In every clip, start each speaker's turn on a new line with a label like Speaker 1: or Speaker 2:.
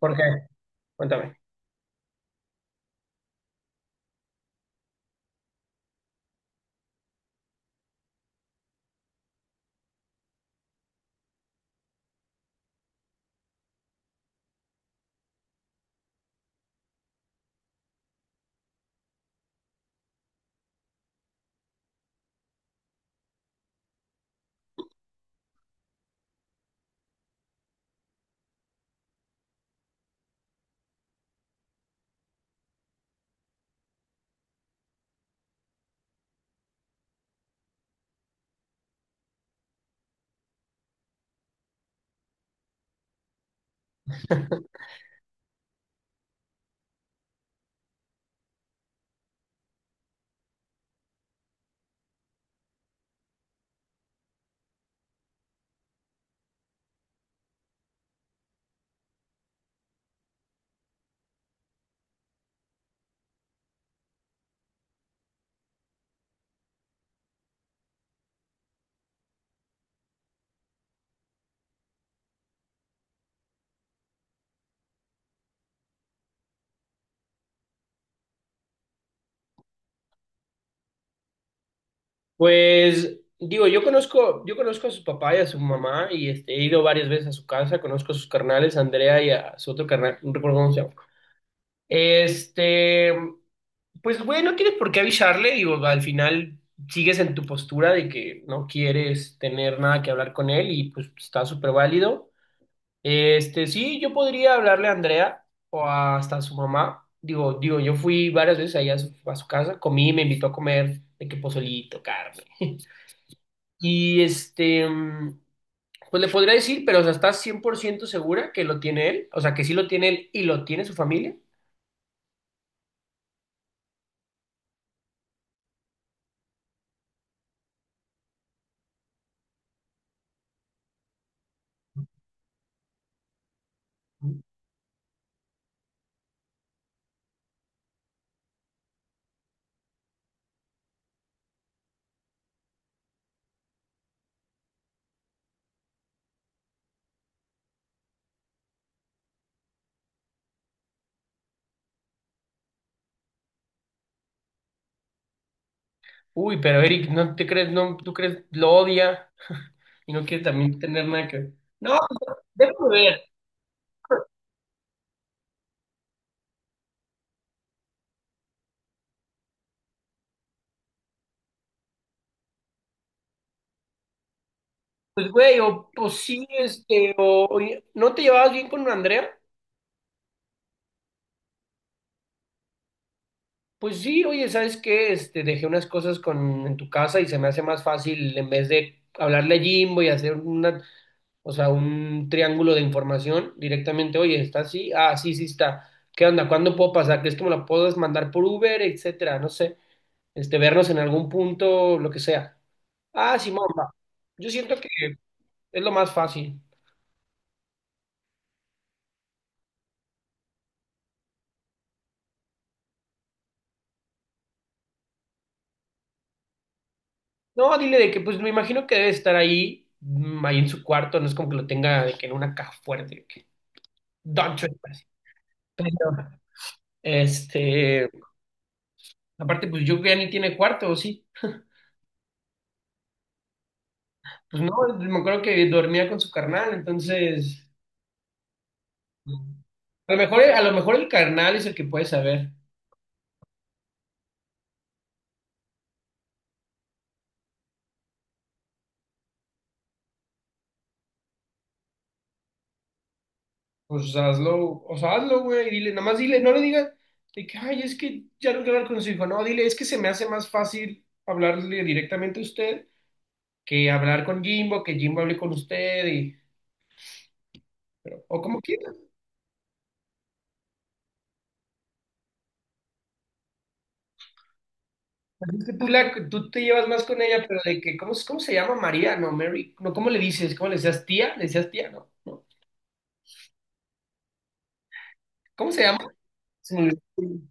Speaker 1: ¿Por qué? Cuéntame. Pues digo, yo conozco a su papá y a su mamá y he ido varias veces a su casa, conozco a sus carnales, a Andrea y a su otro carnal, no recuerdo cómo se llama. Este, pues güey, no tienes por qué avisarle, digo, al final sigues en tu postura de que no quieres tener nada que hablar con él y pues está súper válido. Sí, yo podría hablarle a Andrea o hasta a su mamá. Digo, yo fui varias veces allá a a su casa, comí, me invitó a comer, de que pozolito, carne. Y pues le podría decir, pero o sea, ¿estás 100% segura que lo tiene él? O sea, que sí lo tiene él y lo tiene su familia. Uy, pero Eric, ¿no te crees, no, tú crees, lo odia y no quiere también tener nada que ver? No, pues, déjame ver. Pues, güey, pues sí, oye, ¿no te llevabas bien con Andrea? Pues sí, oye, ¿sabes qué? Dejé unas cosas en tu casa y se me hace más fácil en vez de hablarle a Jimbo y hacer una, o sea, un triángulo de información directamente, oye, ¿está así? Ah, sí, sí está. ¿Qué onda? ¿Cuándo puedo pasar? ¿Crees que me la puedes mandar por Uber, etcétera? No sé, vernos en algún punto, lo que sea. Ah, sí, mamá. Yo siento que es lo más fácil. No, dile de que, pues me imagino que debe estar ahí, ahí en su cuarto, no es como que lo tenga de que en una caja fuerte, de que Don Chueco, así. Este, Aparte, pues yo creo ya ni tiene cuarto, ¿o sí? Pues no, me acuerdo que dormía con su carnal, entonces, a lo mejor el carnal es el que puede saber. Pues hazlo, o sea, hazlo, güey, y dile, nada más dile, no le digas de que, ay, es que ya no quiero hablar con su hijo, no, dile, es que se me hace más fácil hablarle directamente a usted que hablar con Jimbo, que Jimbo hable con usted, y, o como quieras. Es que tú te llevas más con ella, pero de que, ¿cómo se llama María? No, Mary. No, ¿cómo le dices? ¿Cómo le decías tía? ¿Le decías tía? No, no. ¿Cómo se llama? Se me olvidó.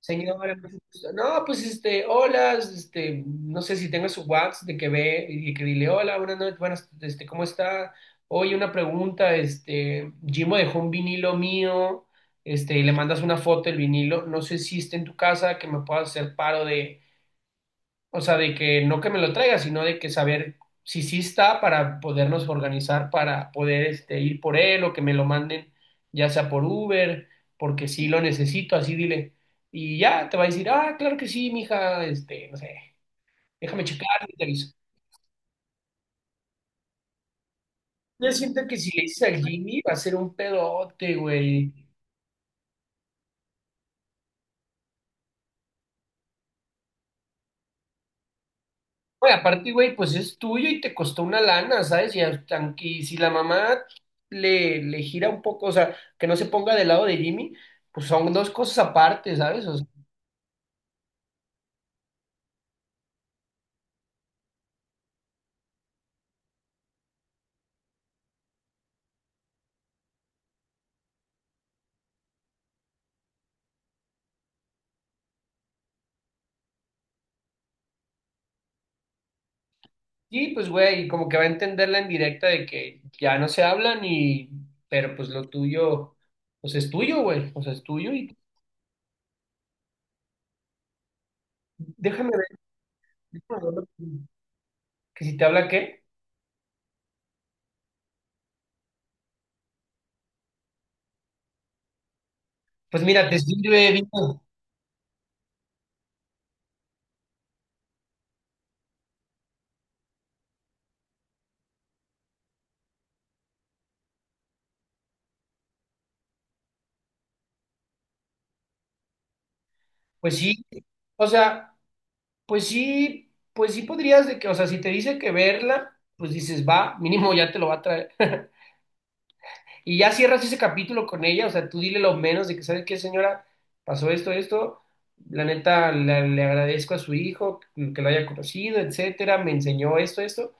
Speaker 1: Señora, no, pues, no, pues, este, hola, no sé si tengo su WhatsApp de que ve y que dile, hola, buenas noches, ¿cómo está? Oye, una pregunta, Jimo dejó un vinilo mío, y le mandas una foto del vinilo, no sé si está en tu casa, que me puedas hacer paro de. O sea, de que no que me lo traiga, sino de que saber si sí está para podernos organizar para poder ir por él o que me lo manden, ya sea por Uber, porque sí lo necesito, así dile. Y ya te va a decir, ah, claro que sí, mija, no sé, déjame checar y te aviso. Yo siento que si le dices al Jimmy va a ser un pedote, güey. Güey, aparte, güey, pues es tuyo y te costó una lana, ¿sabes? Y hasta que si la mamá le gira un poco, o sea, que no se ponga del lado de Jimmy, pues son dos cosas aparte, ¿sabes? O sea, sí, pues, güey, como que va a entenderla en directa de que ya no se hablan y, pero pues lo tuyo, pues es tuyo, güey, o sea, es tuyo y déjame ver, déjame ver que si te habla qué, pues mira, te sirve, digo, pues sí, o sea... pues sí podrías de que, o sea, si te dice que verla, pues dices, va, mínimo ya te lo va a traer. Y ya cierras ese capítulo con ella, o sea, tú dile lo menos de que, ¿sabes qué, señora? Pasó esto, esto. La neta, le agradezco a su hijo que lo haya conocido, etcétera. Me enseñó esto, esto.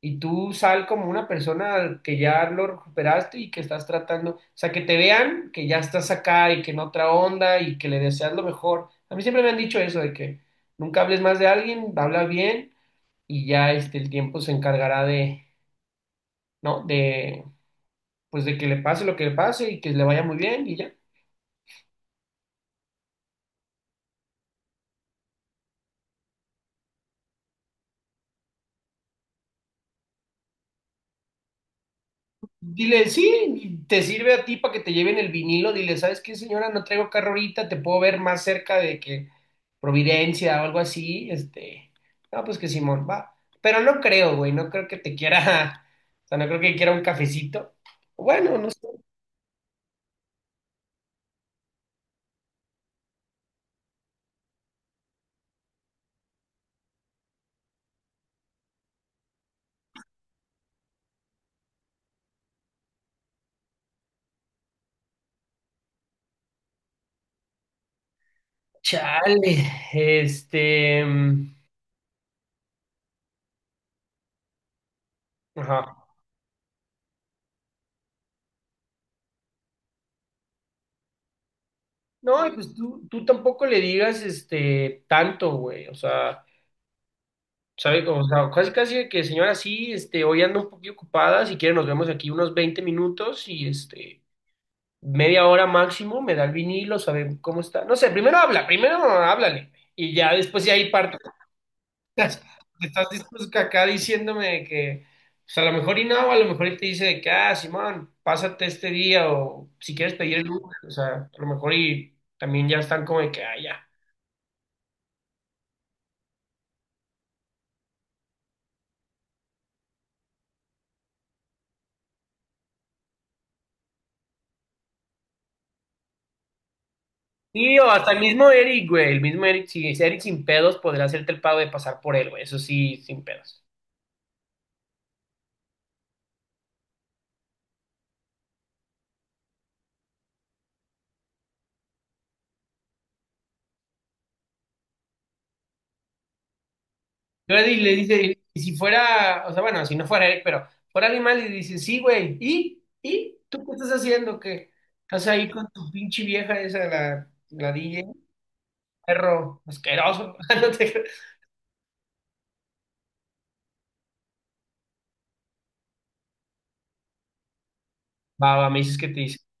Speaker 1: Y tú sal como una persona que ya lo recuperaste y que estás tratando. O sea, que te vean que ya estás acá y que en otra onda y que le deseas lo mejor. A mí siempre me han dicho eso, de que nunca hables más de alguien, habla bien y ya el tiempo se encargará de, ¿no? De pues de que le pase lo que le pase y que le vaya muy bien y ya. Dile, sí, te sirve a ti para que te lleven el vinilo. Dile, ¿sabes qué, señora? No traigo carro ahorita, te puedo ver más cerca de que Providencia o algo así. No, pues que Simón, va. Pero no creo, güey, no creo que te quiera, o sea, no creo que quiera un cafecito. Bueno, no sé. Chale, este, mm, ajá. No, y pues tú tampoco le digas, tanto, güey, o sea. ¿Sabe cómo? O sea, casi casi que señora, sí, hoy ando un poquito ocupada, si quiere nos vemos aquí unos 20 minutos y media hora máximo, me da el vinilo, sabe cómo está. No sé, primero habla, primero háblale y ya después de ahí parto. Estás dispuesto acá diciéndome que, pues a lo mejor y no, a lo mejor y te dice de que, ah, Simón, pásate este día o si quieres pedir el Uber, o sea, a lo mejor y también ya están como de que, ah, ya. Sí, o hasta el mismo Eric, güey. El mismo Eric, si es Eric sin pedos, podría hacerte el pago de pasar por él, güey. Eso sí, sin pedos. Le dice, y si fuera, o sea, bueno, si no fuera Eric, pero fuera alguien más, le dice, sí, güey. ¿Y? ¿Y? ¿Tú qué estás haciendo? ¿Qué estás ahí con tu pinche vieja esa, la DJ? Perro, asqueroso. No te- Va, va, me dices que te dice.